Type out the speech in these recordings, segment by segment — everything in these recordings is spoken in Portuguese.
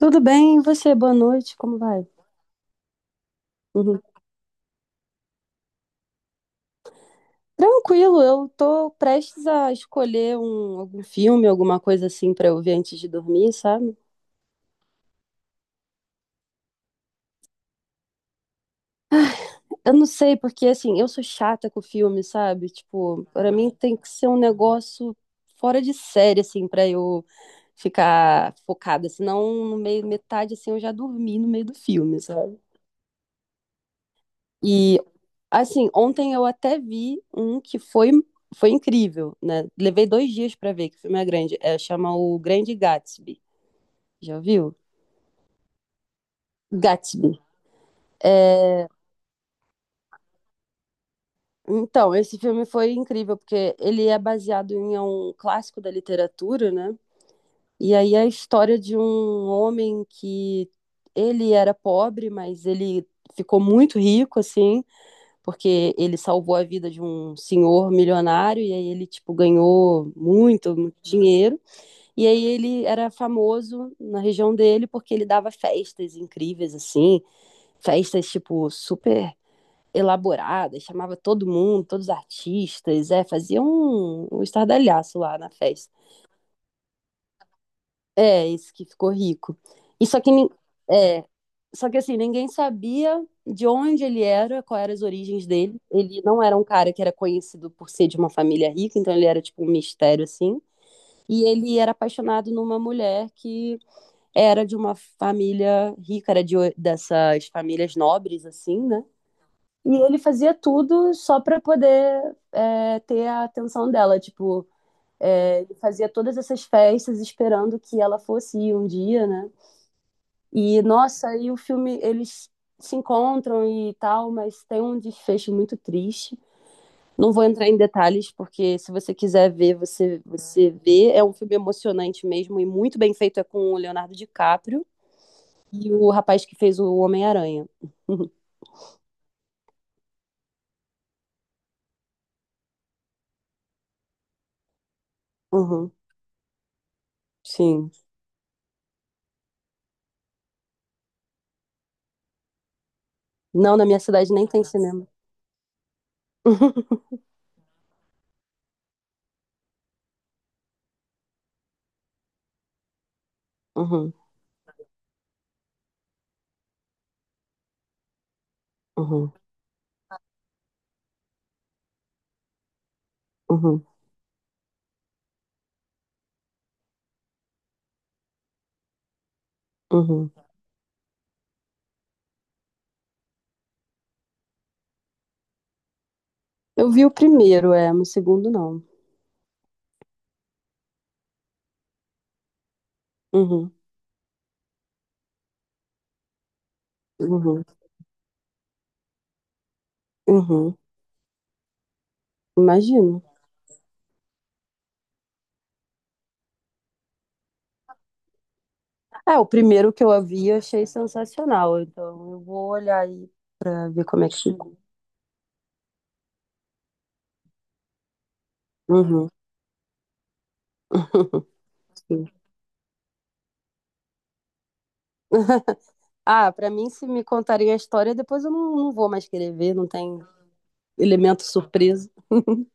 Tudo bem, e você? Boa noite, como vai? Uhum. Tranquilo, eu tô prestes a escolher algum filme, alguma coisa assim pra eu ver antes de dormir, sabe? Eu não sei, porque assim, eu sou chata com filme, sabe? Tipo, pra mim tem que ser um negócio fora de série, assim, pra eu ficar focada, senão no meio, metade, assim, eu já dormi no meio do filme, sabe? E Assim, ontem eu até vi um que foi incrível, né? Levei 2 dias pra ver, que o filme é grande. É, chama O Grande Gatsby. Já viu? Gatsby. É, então, esse filme foi incrível, porque ele é baseado em um clássico da literatura, né? E aí é a história de um homem que ele era pobre, mas ele ficou muito rico, assim, porque ele salvou a vida de um senhor milionário e aí ele, tipo, ganhou muito, muito dinheiro. E aí ele era famoso na região dele porque ele dava festas incríveis, assim, festas, tipo, super elaboradas, chamava todo mundo, todos os artistas, fazia um estardalhaço lá na festa. É, esse que ficou rico. E só que, é, só que assim, ninguém sabia de onde ele era, quais eram as origens dele. Ele não era um cara que era conhecido por ser de uma família rica, então ele era tipo um mistério, assim. E ele era apaixonado numa mulher que era de uma família rica, era dessas famílias nobres, assim, né? E ele fazia tudo só para poder ter a atenção dela. Tipo, ele fazia todas essas festas esperando que ela fosse ir um dia, né? E, nossa, e o filme, eles se encontram e tal, mas tem um desfecho muito triste. Não vou entrar em detalhes, porque se você quiser ver, você vê. É um filme emocionante mesmo e muito bem feito. É com o Leonardo DiCaprio. E o rapaz que fez o Homem-Aranha. Uhum, uhum, sim. Não, na minha cidade nem tem cinema. Uhum, uhum, uhum, uhum. Eu vi o primeiro, mas o segundo não. Uhum, uhum, uhum. Imagino. É, o primeiro que eu vi eu achei sensacional, então eu vou olhar aí pra ver como é que ficou. Uhum. Sim. Ah, pra mim, se me contarem a história, depois eu não vou mais querer ver, não tem elemento surpresa.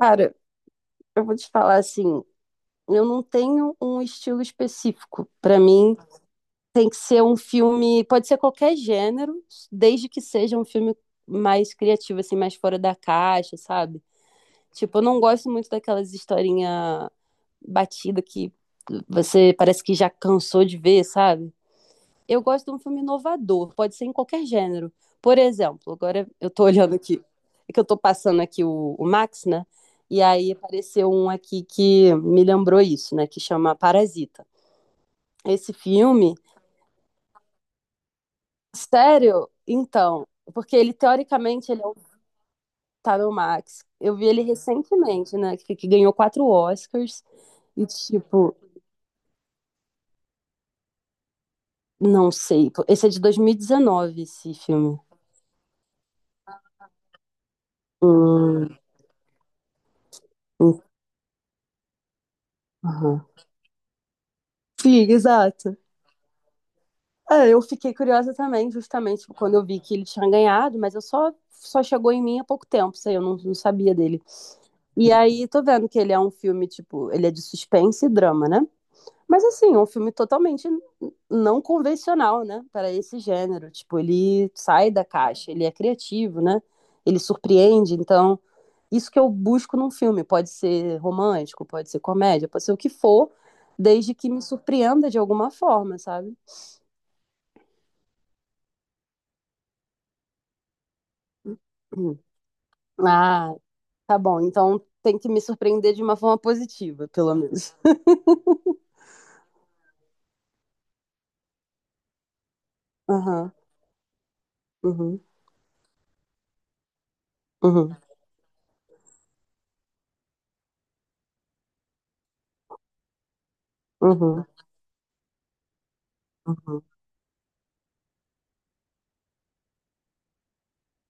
Cara, eu vou te falar assim, eu não tenho um estilo específico. Para mim, tem que ser um filme, pode ser qualquer gênero, desde que seja um filme mais criativo, assim, mais fora da caixa, sabe? Tipo, eu não gosto muito daquelas historinha batida que você parece que já cansou de ver, sabe? Eu gosto de um filme inovador, pode ser em qualquer gênero. Por exemplo, agora eu tô olhando aqui, é que eu tô passando aqui o Max, né? E aí apareceu um aqui que me lembrou isso, né? Que chama Parasita. Esse filme, sério? Então, porque ele teoricamente ele é o tá no Max. Eu vi ele recentemente, né? Que ganhou quatro Oscars. E tipo, não sei. Esse é de 2019, esse filme. Hum, hum, aham. Sim, exato. É, eu fiquei curiosa também, justamente tipo, quando eu vi que ele tinha ganhado, mas eu só chegou em mim há pouco tempo, sei, eu não sabia dele. E aí tô vendo que ele é um filme tipo, ele é de suspense e drama, né? Mas assim, um filme totalmente não convencional, né, para esse gênero. Tipo, ele sai da caixa, ele é criativo, né? Ele surpreende, então isso que eu busco num filme, pode ser romântico, pode ser comédia, pode ser o que for, desde que me surpreenda de alguma forma, sabe? Hum. Ah, tá bom, então tem que me surpreender de uma forma positiva, pelo menos. Aham, uhum, uhum, uhum, uhum.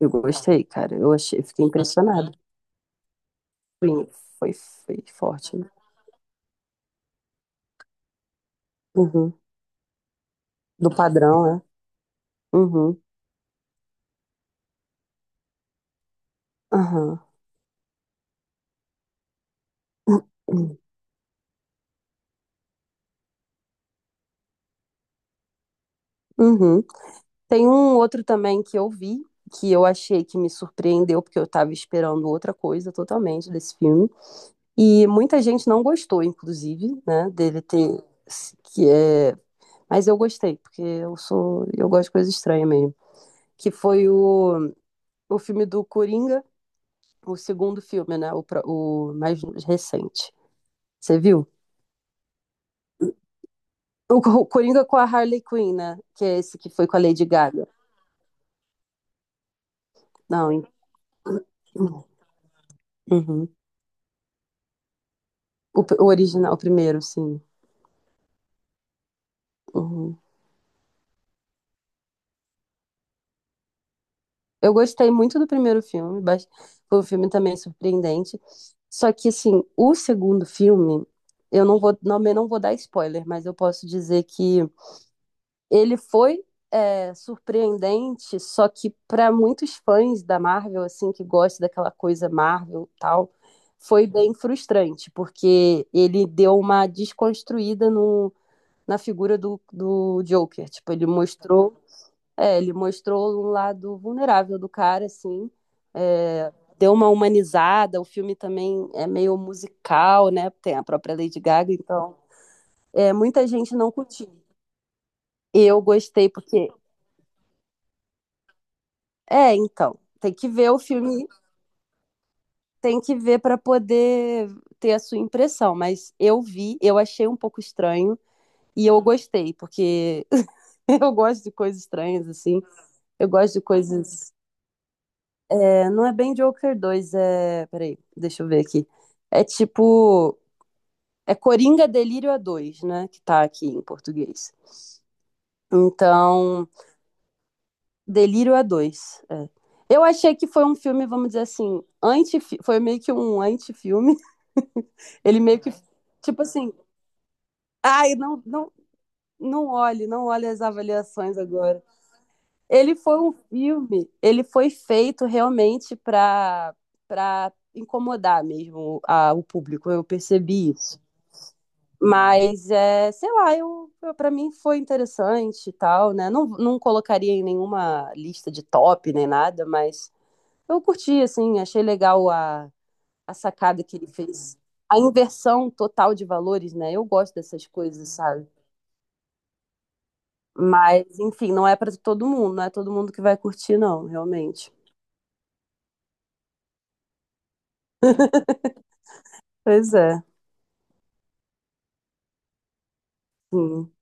Eu gostei, cara. Eu achei, fiquei impressionado. Foi, foi forte, né? Uhum. Do padrão, né? Uhum, aham. Uhum, uhum. Tem um outro também que eu vi, que eu achei que me surpreendeu, porque eu tava esperando outra coisa totalmente desse filme. E muita gente não gostou, inclusive, né, dele ter. Que é, Mas eu gostei, porque eu sou, eu gosto de coisa estranha mesmo. Que foi o filme do Coringa, o segundo filme, né? O mais recente. Você viu? O Coringa com a Harley Quinn, né? Que é esse que foi com a Lady Gaga. Não, uhum. O original, o primeiro, sim. Uhum. Eu gostei muito do primeiro filme, foi um filme também surpreendente. Só que, assim, o segundo filme, eu não vou dar spoiler, mas eu posso dizer que ele foi surpreendente, só que para muitos fãs da Marvel, assim, que gostam daquela coisa Marvel e tal, foi bem frustrante, porque ele deu uma desconstruída no, na figura do Joker. Tipo, ele mostrou um lado vulnerável do cara, assim, é, deu uma humanizada. O filme também é meio musical, né? Tem a própria Lady Gaga, então muita gente não curtiu. Eu gostei porque é, então, tem que ver o filme, tem que ver para poder ter a sua impressão, mas eu vi, eu achei um pouco estranho e eu gostei, porque eu gosto de coisas estranhas assim. Eu gosto de coisas, não é bem Joker 2, é, peraí, deixa eu ver aqui. É tipo, é Coringa Delírio a dois, né, que tá aqui em português. Então, Delírio a 2. É. Eu achei que foi um filme, vamos dizer assim, anti, foi meio que um anti-filme. Ele meio que, tipo assim, ai, não, não, não olhe, não olhe as avaliações agora. Ele foi um filme, ele foi feito realmente para incomodar mesmo o público, eu percebi isso. Mas, é, sei lá, eu para mim foi interessante e tal, né? Não, não colocaria em nenhuma lista de top nem nada, mas eu curti, assim, achei legal a sacada que ele fez. A inversão total de valores, né? Eu gosto dessas coisas, sabe? Mas, enfim, não é para todo mundo, não é todo mundo que vai curtir, não, realmente. Pois é, sim.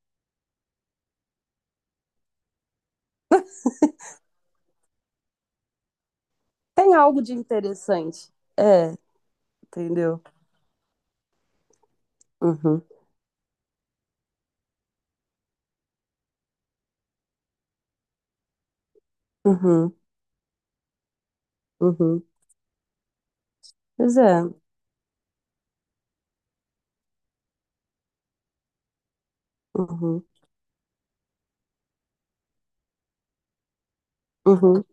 Tem algo de interessante. É, entendeu? Uhum, uhum, uhum. Pois é. Uhum, uhum,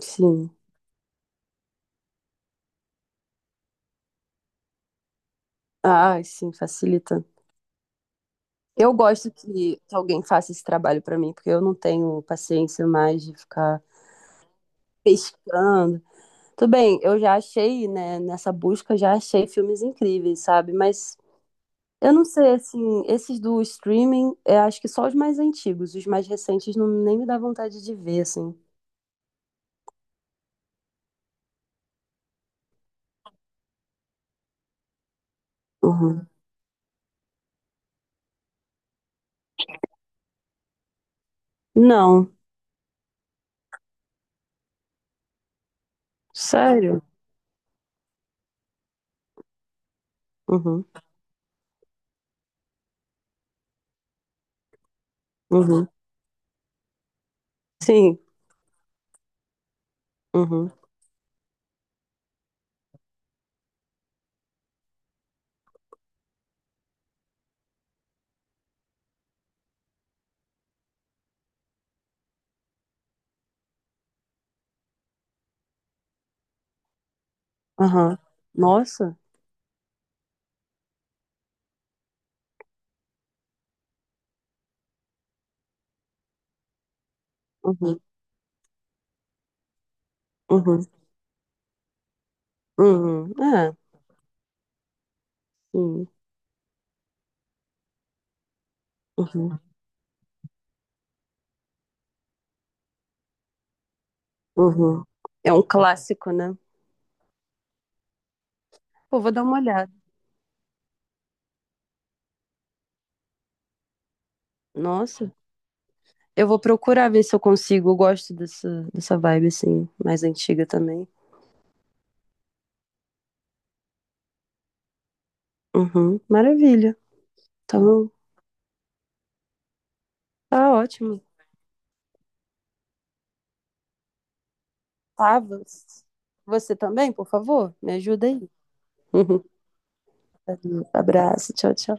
sim. Ai, sim, facilita. Eu gosto que alguém faça esse trabalho para mim, porque eu não tenho paciência mais de ficar pescando. Tudo bem, eu já achei, né, nessa busca, já achei filmes incríveis, sabe? Mas eu não sei, assim, esses do streaming, eu acho que só os mais antigos, os mais recentes não, nem me dá vontade de ver, assim. Uhum. Não, sério? Uhum, uhum. Sim, uhum, aham. Nossa, uhum, uhum, uhum. É, sim, uhum, uhum. É um clássico, né? Pô, vou dar uma olhada. Nossa, eu vou procurar ver se eu consigo, eu gosto dessa vibe, assim, mais antiga também. Uhum, maravilha, tá bom. Tá ótimo. Tavas. Você também, por favor? Me ajuda aí. Abraço, tchau, tchau.